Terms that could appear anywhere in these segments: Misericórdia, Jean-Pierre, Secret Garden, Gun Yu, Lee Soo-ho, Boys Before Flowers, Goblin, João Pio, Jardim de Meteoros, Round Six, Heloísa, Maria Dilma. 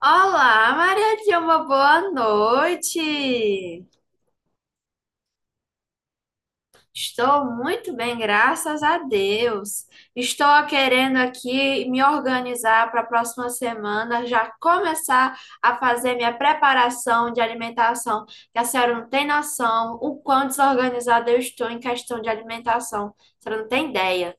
Olá, Maria Dilma, boa noite. Estou muito bem, graças a Deus. Estou querendo aqui me organizar para a próxima semana, já começar a fazer minha preparação de alimentação, que a senhora não tem noção o quão desorganizada eu estou em questão de alimentação. A senhora não tem ideia.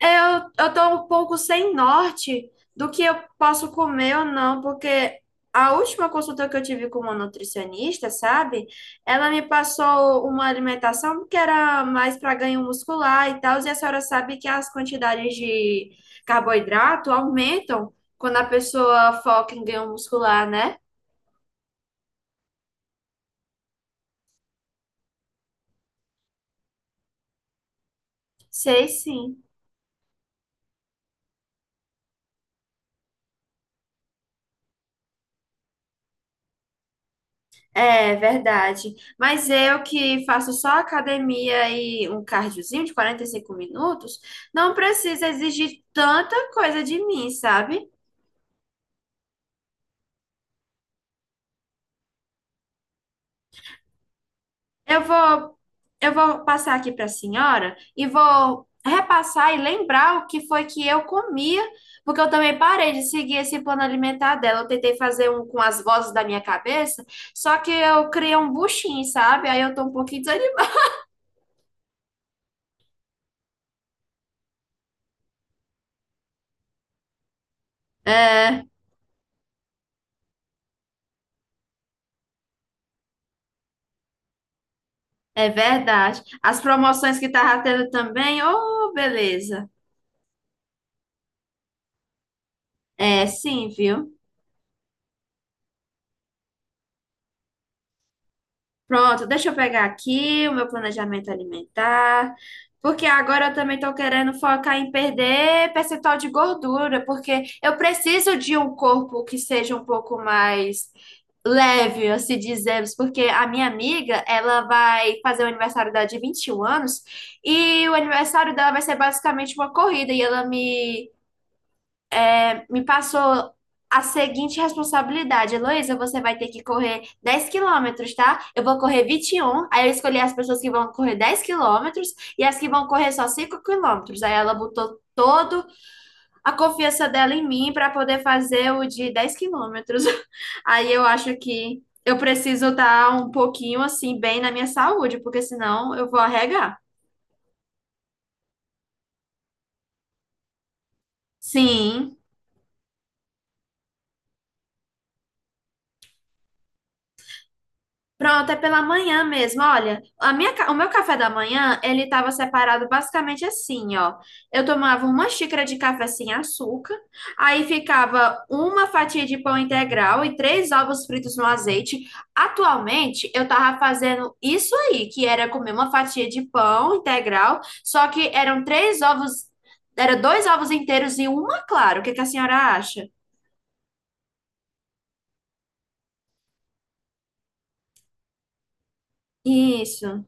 É, eu tô um pouco sem norte do que eu posso comer ou não, porque a última consulta que eu tive com uma nutricionista, sabe? Ela me passou uma alimentação que era mais para ganho muscular e tal, e a senhora sabe que as quantidades de carboidrato aumentam quando a pessoa foca em ganho muscular, né? Sei sim. É verdade. Mas eu que faço só academia e um cardiozinho de 45 minutos, não precisa exigir tanta coisa de mim, sabe? Eu vou, eu vou passar aqui para a senhora e vou repassar e lembrar o que foi que eu comia, porque eu também parei de seguir esse plano alimentar dela. Eu tentei fazer um com as vozes da minha cabeça, só que eu criei um buchinho, sabe? Aí eu tô um pouquinho desanimada. É, é verdade. As promoções que tava tendo também, oh, beleza. É, sim, viu? Pronto, deixa eu pegar aqui o meu planejamento alimentar, porque agora eu também estou querendo focar em perder percentual de gordura, porque eu preciso de um corpo que seja um pouco mais leve, assim dizemos, porque a minha amiga, ela vai fazer o aniversário dela de 21 anos, e o aniversário dela vai ser basicamente uma corrida, e ela me passou a seguinte responsabilidade. Heloísa, você vai ter que correr 10 quilômetros, tá? Eu vou correr 21. Aí eu escolhi as pessoas que vão correr 10 quilômetros e as que vão correr só 5 quilômetros. Aí ela botou toda a confiança dela em mim para poder fazer o de 10 quilômetros. Aí eu acho que eu preciso estar um pouquinho assim, bem na minha saúde, porque senão eu vou arregar. Sim. Pronto, é pela manhã mesmo. Olha, o meu café da manhã, ele estava separado basicamente assim, ó. Eu tomava uma xícara de café sem açúcar, aí ficava uma fatia de pão integral e três ovos fritos no azeite. Atualmente, eu tava fazendo isso aí, que era comer uma fatia de pão integral, só que eram três ovos, era dois ovos inteiros e uma clara. O que que a senhora acha? Isso.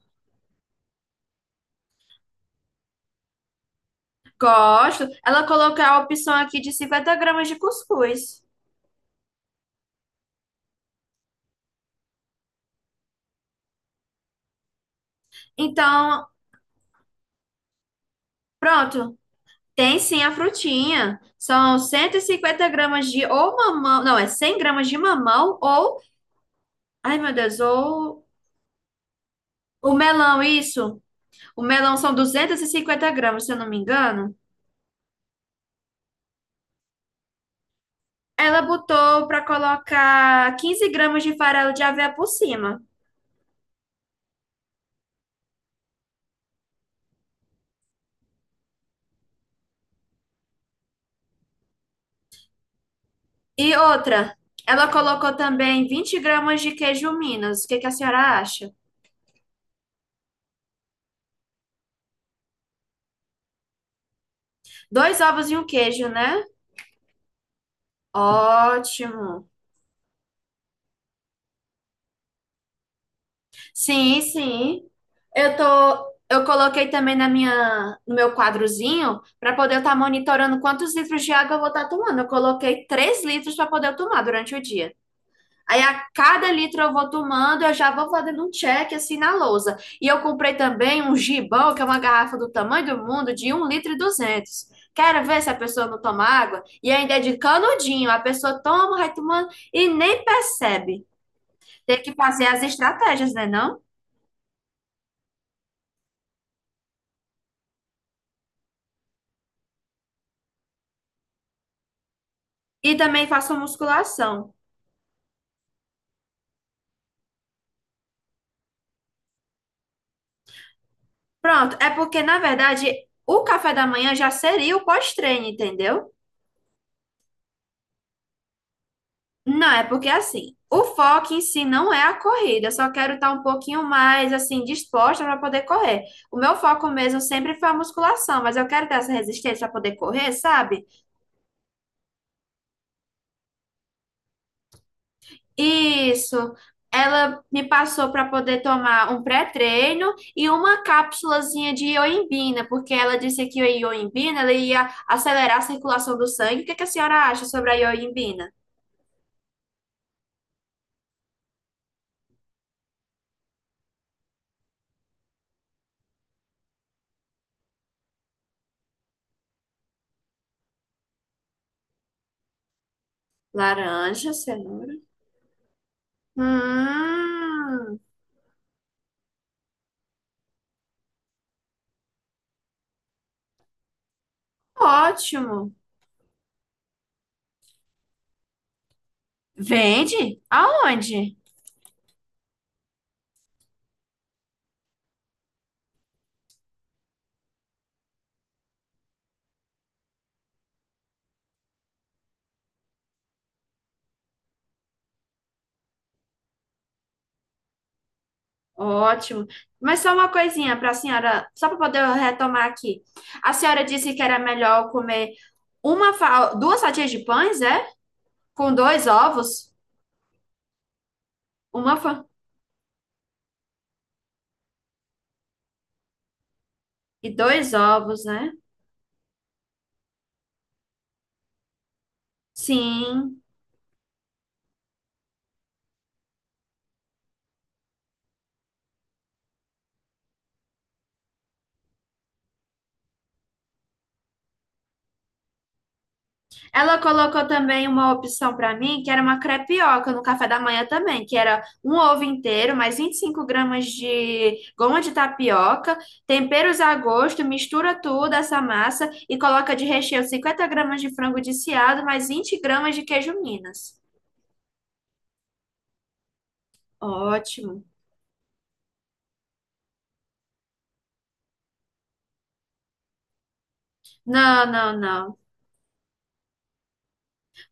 Gosto. Ela colocou a opção aqui de 50 gramas de cuscuz. Então, pronto. Tem sim a frutinha. São 150 gramas de ou mamão. Não, é 100 gramas de mamão ou. Ai, meu Deus, ou. O melão, isso. O melão são 250 gramas, se eu não me engano. Ela botou para colocar 15 gramas de farelo de aveia por cima. E outra, ela colocou também 20 gramas de queijo Minas. O que que a senhora acha? Dois ovos e um queijo, né? Ótimo. Sim, sim. Eu coloquei também na minha, no meu quadrozinho para poder estar monitorando quantos litros de água eu vou estar tomando. Eu coloquei 3 litros para poder eu tomar durante o dia. Aí a cada litro eu vou tomando, eu já vou fazendo um check assim na lousa. E eu comprei também um gibão, que é uma garrafa do tamanho do mundo, de 1 litro e 200. Quero ver se a pessoa não toma água. E ainda é de canudinho, a pessoa toma, vai tomando e nem percebe. Tem que fazer as estratégias, né, não? E também faço musculação. Pronto, é porque, na verdade, o café da manhã já seria o pós-treino, entendeu? Não, é porque assim, o foco em si não é a corrida, eu só quero estar um pouquinho mais assim disposta para poder correr. O meu foco mesmo sempre foi a musculação, mas eu quero ter essa resistência para poder correr, sabe? Isso. Ela me passou para poder tomar um pré-treino e uma cápsulazinha de ioimbina, porque ela disse que a ioimbina ela ia acelerar a circulação do sangue. O que que a senhora acha sobre a ioimbina? Laranja, cenoura. Hum, ótimo. Vende? Aonde? Ótimo. Mas só uma coisinha para a senhora, só para poder retomar aqui. A senhora disse que era melhor comer duas fatias de pães, é? Com dois ovos? Uma fan... e dois ovos, né? Sim. Ela colocou também uma opção para mim, que era uma crepioca no café da manhã também, que era um ovo inteiro, mais 25 gramas de goma de tapioca, temperos a gosto, mistura tudo essa massa e coloca de recheio 50 gramas de frango desfiado, mais 20 gramas de queijo Minas. Ótimo. Não, não, não.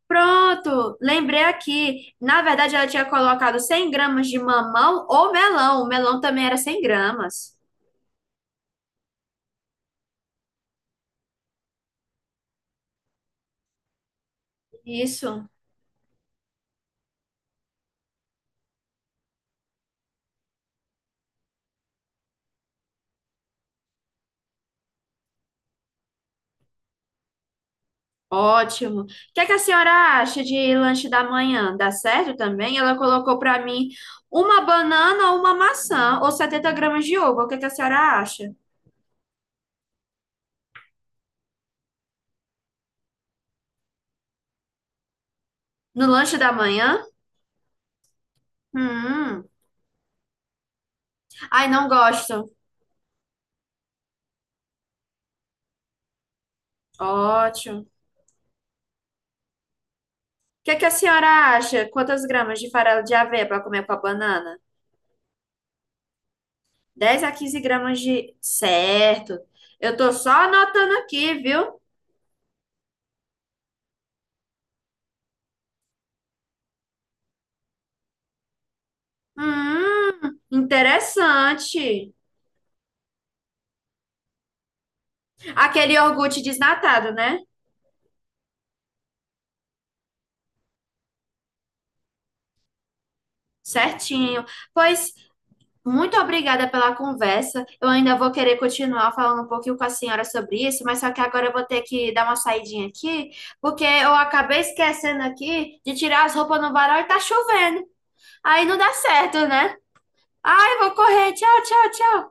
Pronto, lembrei aqui. Na verdade, ela tinha colocado 100 gramas de mamão ou melão. O melão também era 100 gramas. Isso, ótimo. O que é que a senhora acha de lanche da manhã? Dá certo também? Ela colocou para mim uma banana ou uma maçã ou 70 gramas de ovo. O que é que a senhora acha? No lanche da manhã? Hum, ai, não gosto. Ótimo. O que é que a senhora acha? Quantas gramas de farelo de aveia para comer com a banana? 10 a 15 gramas de. Certo. Eu tô só anotando aqui, viu? Interessante. Aquele iogurte desnatado, né? Certinho. Pois, muito obrigada pela conversa. Eu ainda vou querer continuar falando um pouquinho com a senhora sobre isso, mas só que agora eu vou ter que dar uma saidinha aqui, porque eu acabei esquecendo aqui de tirar as roupas no varal e tá chovendo. Aí não dá certo, né? Ai, vou correr. Tchau, tchau, tchau.